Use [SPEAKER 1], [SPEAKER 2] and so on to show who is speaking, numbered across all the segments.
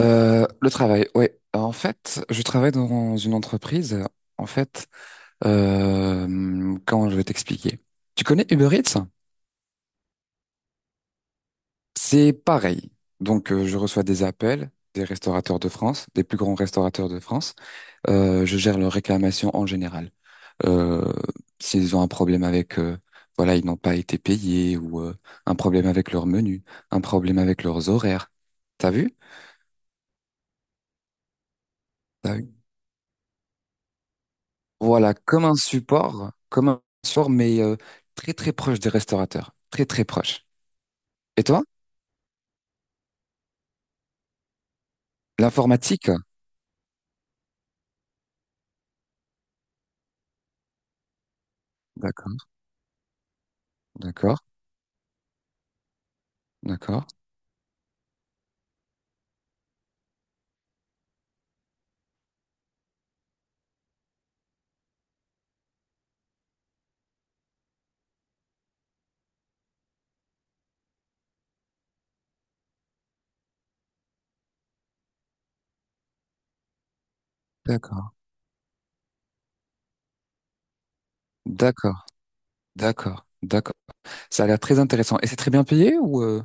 [SPEAKER 1] Le travail, ouais. En fait, je travaille dans une entreprise. En fait, comment je vais t'expliquer? Tu connais Uber Eats? C'est pareil. Donc, je reçois des appels des restaurateurs de France, des plus grands restaurateurs de France. Je gère leurs réclamations en général. Euh, S'ils ont un problème avec, voilà, ils n'ont pas été payés, ou un problème avec leur menu, un problème avec leurs horaires. T'as vu? Voilà, comme un support, mais très très proche des restaurateurs, très très proche. Et toi, l'informatique? D'accord, d'accord, d'accord, d'accord, d'accord, d'accord, d'accord. Ça a l'air très intéressant. Et c'est très bien payé, ou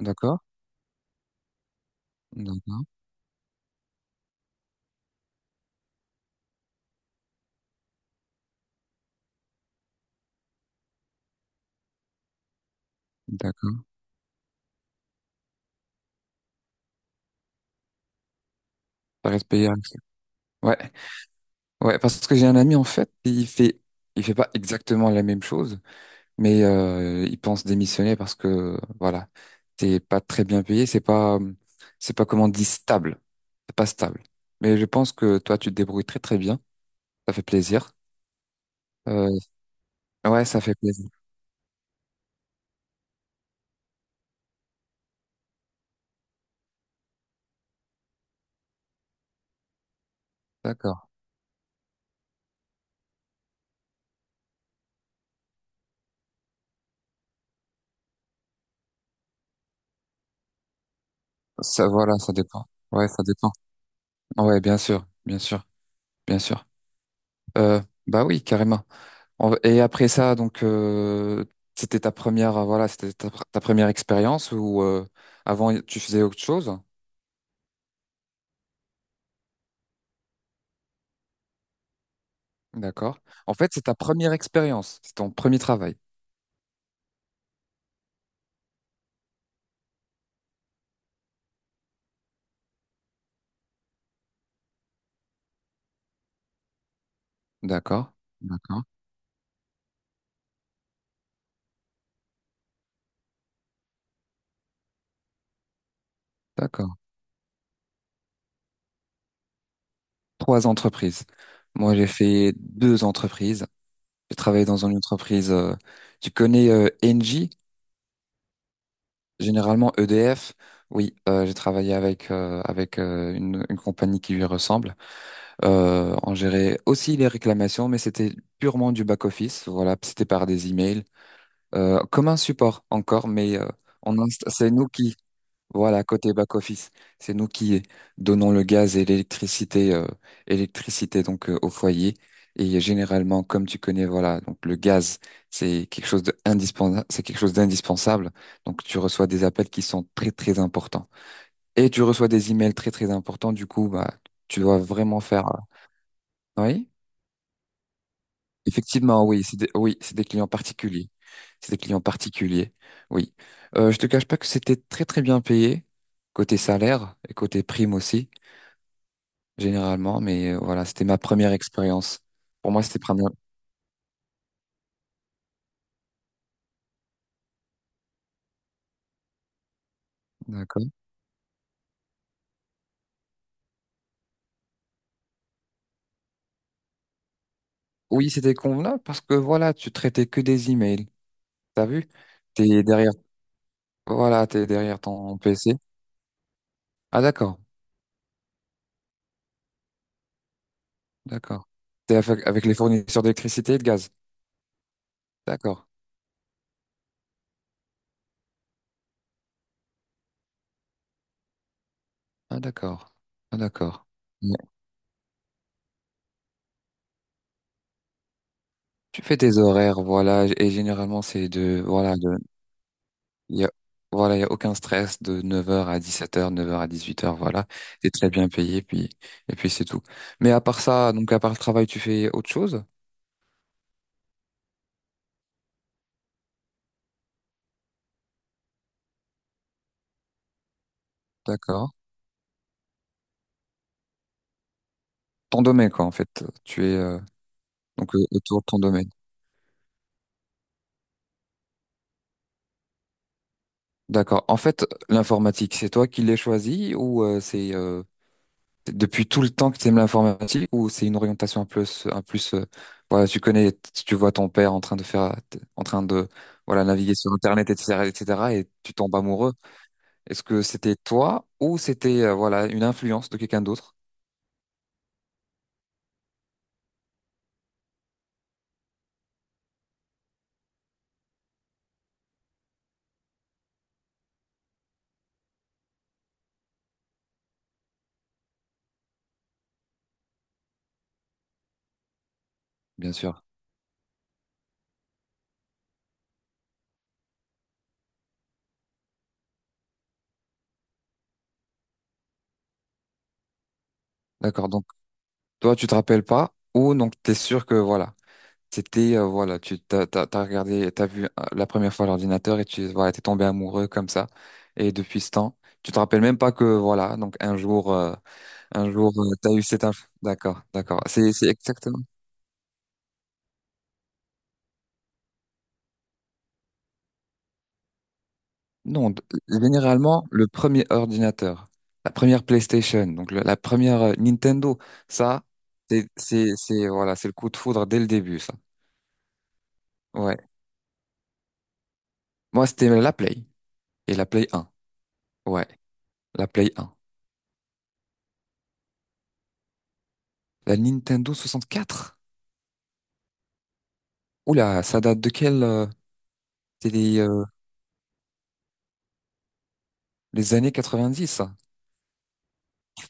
[SPEAKER 1] d'accord, d'accord, d'accord. Ça reste payé Ouais, ouais, parce que j'ai un ami en fait, il fait pas exactement la même chose, mais ils pensent démissionner parce que voilà, t'es pas très bien payé, c'est pas, comment on dit, stable, c'est pas stable. Mais je pense que toi, tu te débrouilles très très bien, ça fait plaisir. Euh, ouais, ça fait plaisir. D'accord. Ça, voilà, ça dépend. Ouais, ça dépend. Ouais, bien sûr, bien sûr, bien sûr. Euh, Bah oui, carrément. Et après ça, donc c'était ta première, voilà, c'était ta première expérience, ou avant tu faisais autre chose? D'accord. En fait, c'est ta première expérience, c'est ton premier travail. D'accord. D'accord. D'accord. Trois entreprises. Moi, j'ai fait deux entreprises. J'ai travaillé dans une entreprise, tu connais Engie, généralement EDF. Oui, j'ai travaillé avec une compagnie qui lui ressemble. On gérait aussi les réclamations, mais c'était purement du back office. Voilà, c'était par des emails, comme un support encore, mais c'est nous qui, voilà, côté back-office, c'est nous qui donnons le gaz et l'électricité, électricité donc au foyer. Et généralement, comme tu connais, voilà, donc le gaz, c'est quelque chose de indispensable, c'est quelque chose d'indispensable. Donc tu reçois des appels qui sont très très importants, et tu reçois des emails très très importants. Du coup, bah, tu dois vraiment faire, oui, effectivement, oui, c'est des clients particuliers, c'est des clients particuliers. Oui, je te cache pas que c'était très très bien payé côté salaire et côté prime aussi, généralement, mais voilà, c'était ma première expérience. Pour moi, c'était prendre... D'accord. Oui, c'était convenable parce que voilà, tu traitais que des emails. T'as vu? T'es derrière, voilà, t'es derrière ton PC. Ah, d'accord, d'accord. T'es avec les fournisseurs d'électricité et de gaz. D'accord. Ah, d'accord. Ah, d'accord. Ouais. Tu fais tes horaires, voilà, et généralement, c'est de, voilà, Il y a, voilà, il y a aucun stress, de 9h à 17h, 9h à 18h, voilà. T'es très bien payé, puis, et puis c'est tout. Mais à part ça, donc à part le travail, tu fais autre chose? D'accord. Ton domaine, quoi, en fait. Tu es, donc, autour de ton domaine. D'accord. En fait, l'informatique, c'est toi qui l'as choisi, ou c'est depuis tout le temps que tu aimes l'informatique, ou c'est une orientation, voilà, tu connais, tu vois ton père en train de faire, en train de, voilà, naviguer sur Internet, etc., etc., et cetera, et tu tombes amoureux. Est-ce que c'était toi, ou c'était voilà, une influence de quelqu'un d'autre? Bien sûr. D'accord. Donc toi, tu te rappelles pas, ou donc t'es sûr que voilà, c'était voilà, tu t'as t'as t'as regardé, t'as vu la première fois l'ordinateur, et tu voilà, t'es tombé amoureux comme ça, et depuis ce temps, tu te rappelles même pas que voilà, donc un jour, t'as eu cette inf-. D'accord, d'accord. C'est exactement. Non, généralement, le premier ordinateur, la première PlayStation, donc la première Nintendo, ça, voilà, c'est le coup de foudre dès le début, ça. Ouais. Moi, c'était la Play et la Play 1. Ouais, la Play 1. La Nintendo 64. Oula, ça date de quelle, c'est les années dix, ça.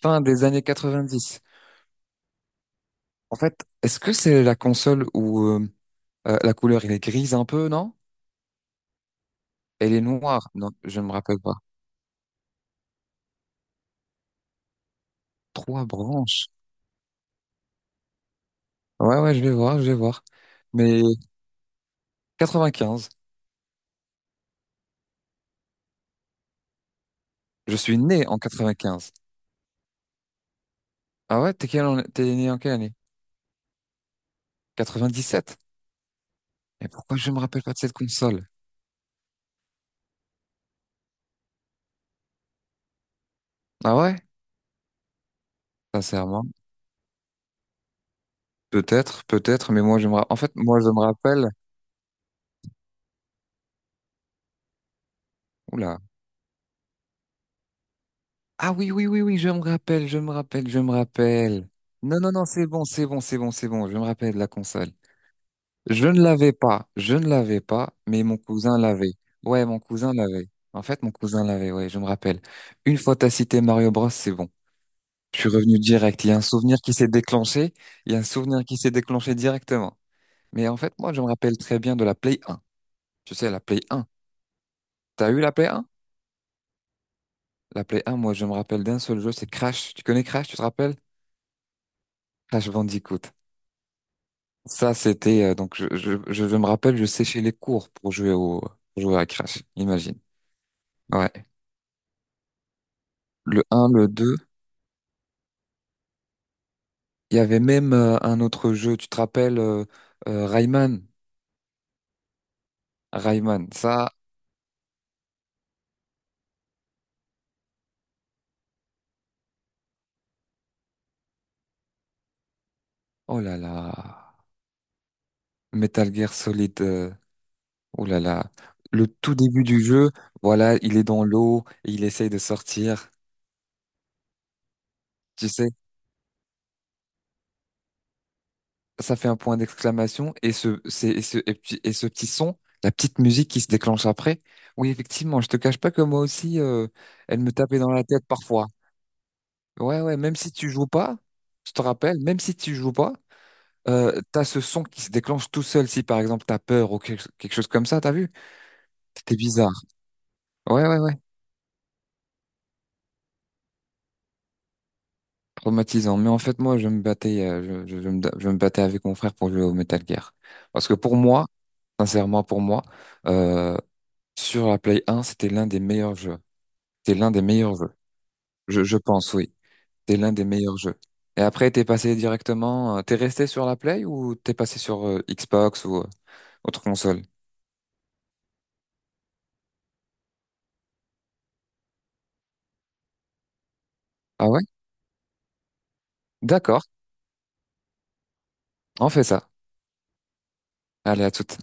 [SPEAKER 1] Fin des années 90. En fait, est-ce que c'est la console où, la couleur, elle est grise un peu, non? Elle est noire. Non, je ne me rappelle pas. Trois branches. Ouais, ouais, je vais voir, je vais voir. Mais 95, je suis né en 95. Ah, ouais, t'es né en quelle année? 97. Et pourquoi je me rappelle pas de cette console? Ah, ouais? Sincèrement. Peut-être, peut-être, mais moi je me rappelle. En fait, moi je me rappelle. Oula. Ah, oui, oui, oui, oui, je me rappelle, je me rappelle, je me rappelle. Non, non, non, c'est bon, c'est bon, c'est bon, c'est bon, je me rappelle de la console. Je ne l'avais pas, je ne l'avais pas, mais mon cousin l'avait. Ouais, mon cousin l'avait. En fait, mon cousin l'avait, ouais, je me rappelle. Une fois t'as cité Mario Bros, c'est bon. Je suis revenu direct. Il y a un souvenir qui s'est déclenché. Il y a un souvenir qui s'est déclenché directement. Mais en fait, moi, je me rappelle très bien de la Play 1. Tu sais, la Play 1. T'as eu la Play 1? La Play 1, moi, je me rappelle d'un seul jeu, c'est Crash. Tu connais Crash, tu te rappelles? Crash Bandicoot. Ça, c'était, donc, je me rappelle, je séchais les cours pour jouer à Crash. Imagine. Ouais. Le un, le deux. Il y avait même un autre jeu, tu te rappelles, Rayman. Rayman, ça, oh là là. Metal Gear Solid, oh là là. Le tout début du jeu, voilà, il est dans l'eau, et il essaye de sortir. Tu sais, ça fait un point d'exclamation, et ce, c'est, et ce, et puis- et ce petit son, la petite musique qui se déclenche après. Oui, effectivement, je te cache pas que moi aussi, elle me tapait dans la tête parfois. Ouais, ouais, même si tu joues pas, je te rappelle, même si tu joues pas, t'as ce son qui se déclenche tout seul, si par exemple t'as peur ou quelque chose comme ça, t'as vu? C'était bizarre. Ouais, ouais, ouais. Traumatisant. Mais en fait, moi, je me battais, je me battais avec mon frère pour jouer au Metal Gear. Parce que pour moi, sincèrement, pour moi, euh, sur la Play 1, c'était l'un des meilleurs jeux. C'était l'un des meilleurs jeux. Je pense, oui. C'était l'un des meilleurs jeux. Et après, t'es passé directement, t'es resté sur la Play, ou t'es passé sur Xbox ou autre console? Ah, ouais? D'accord. On fait ça. Allez, à toute.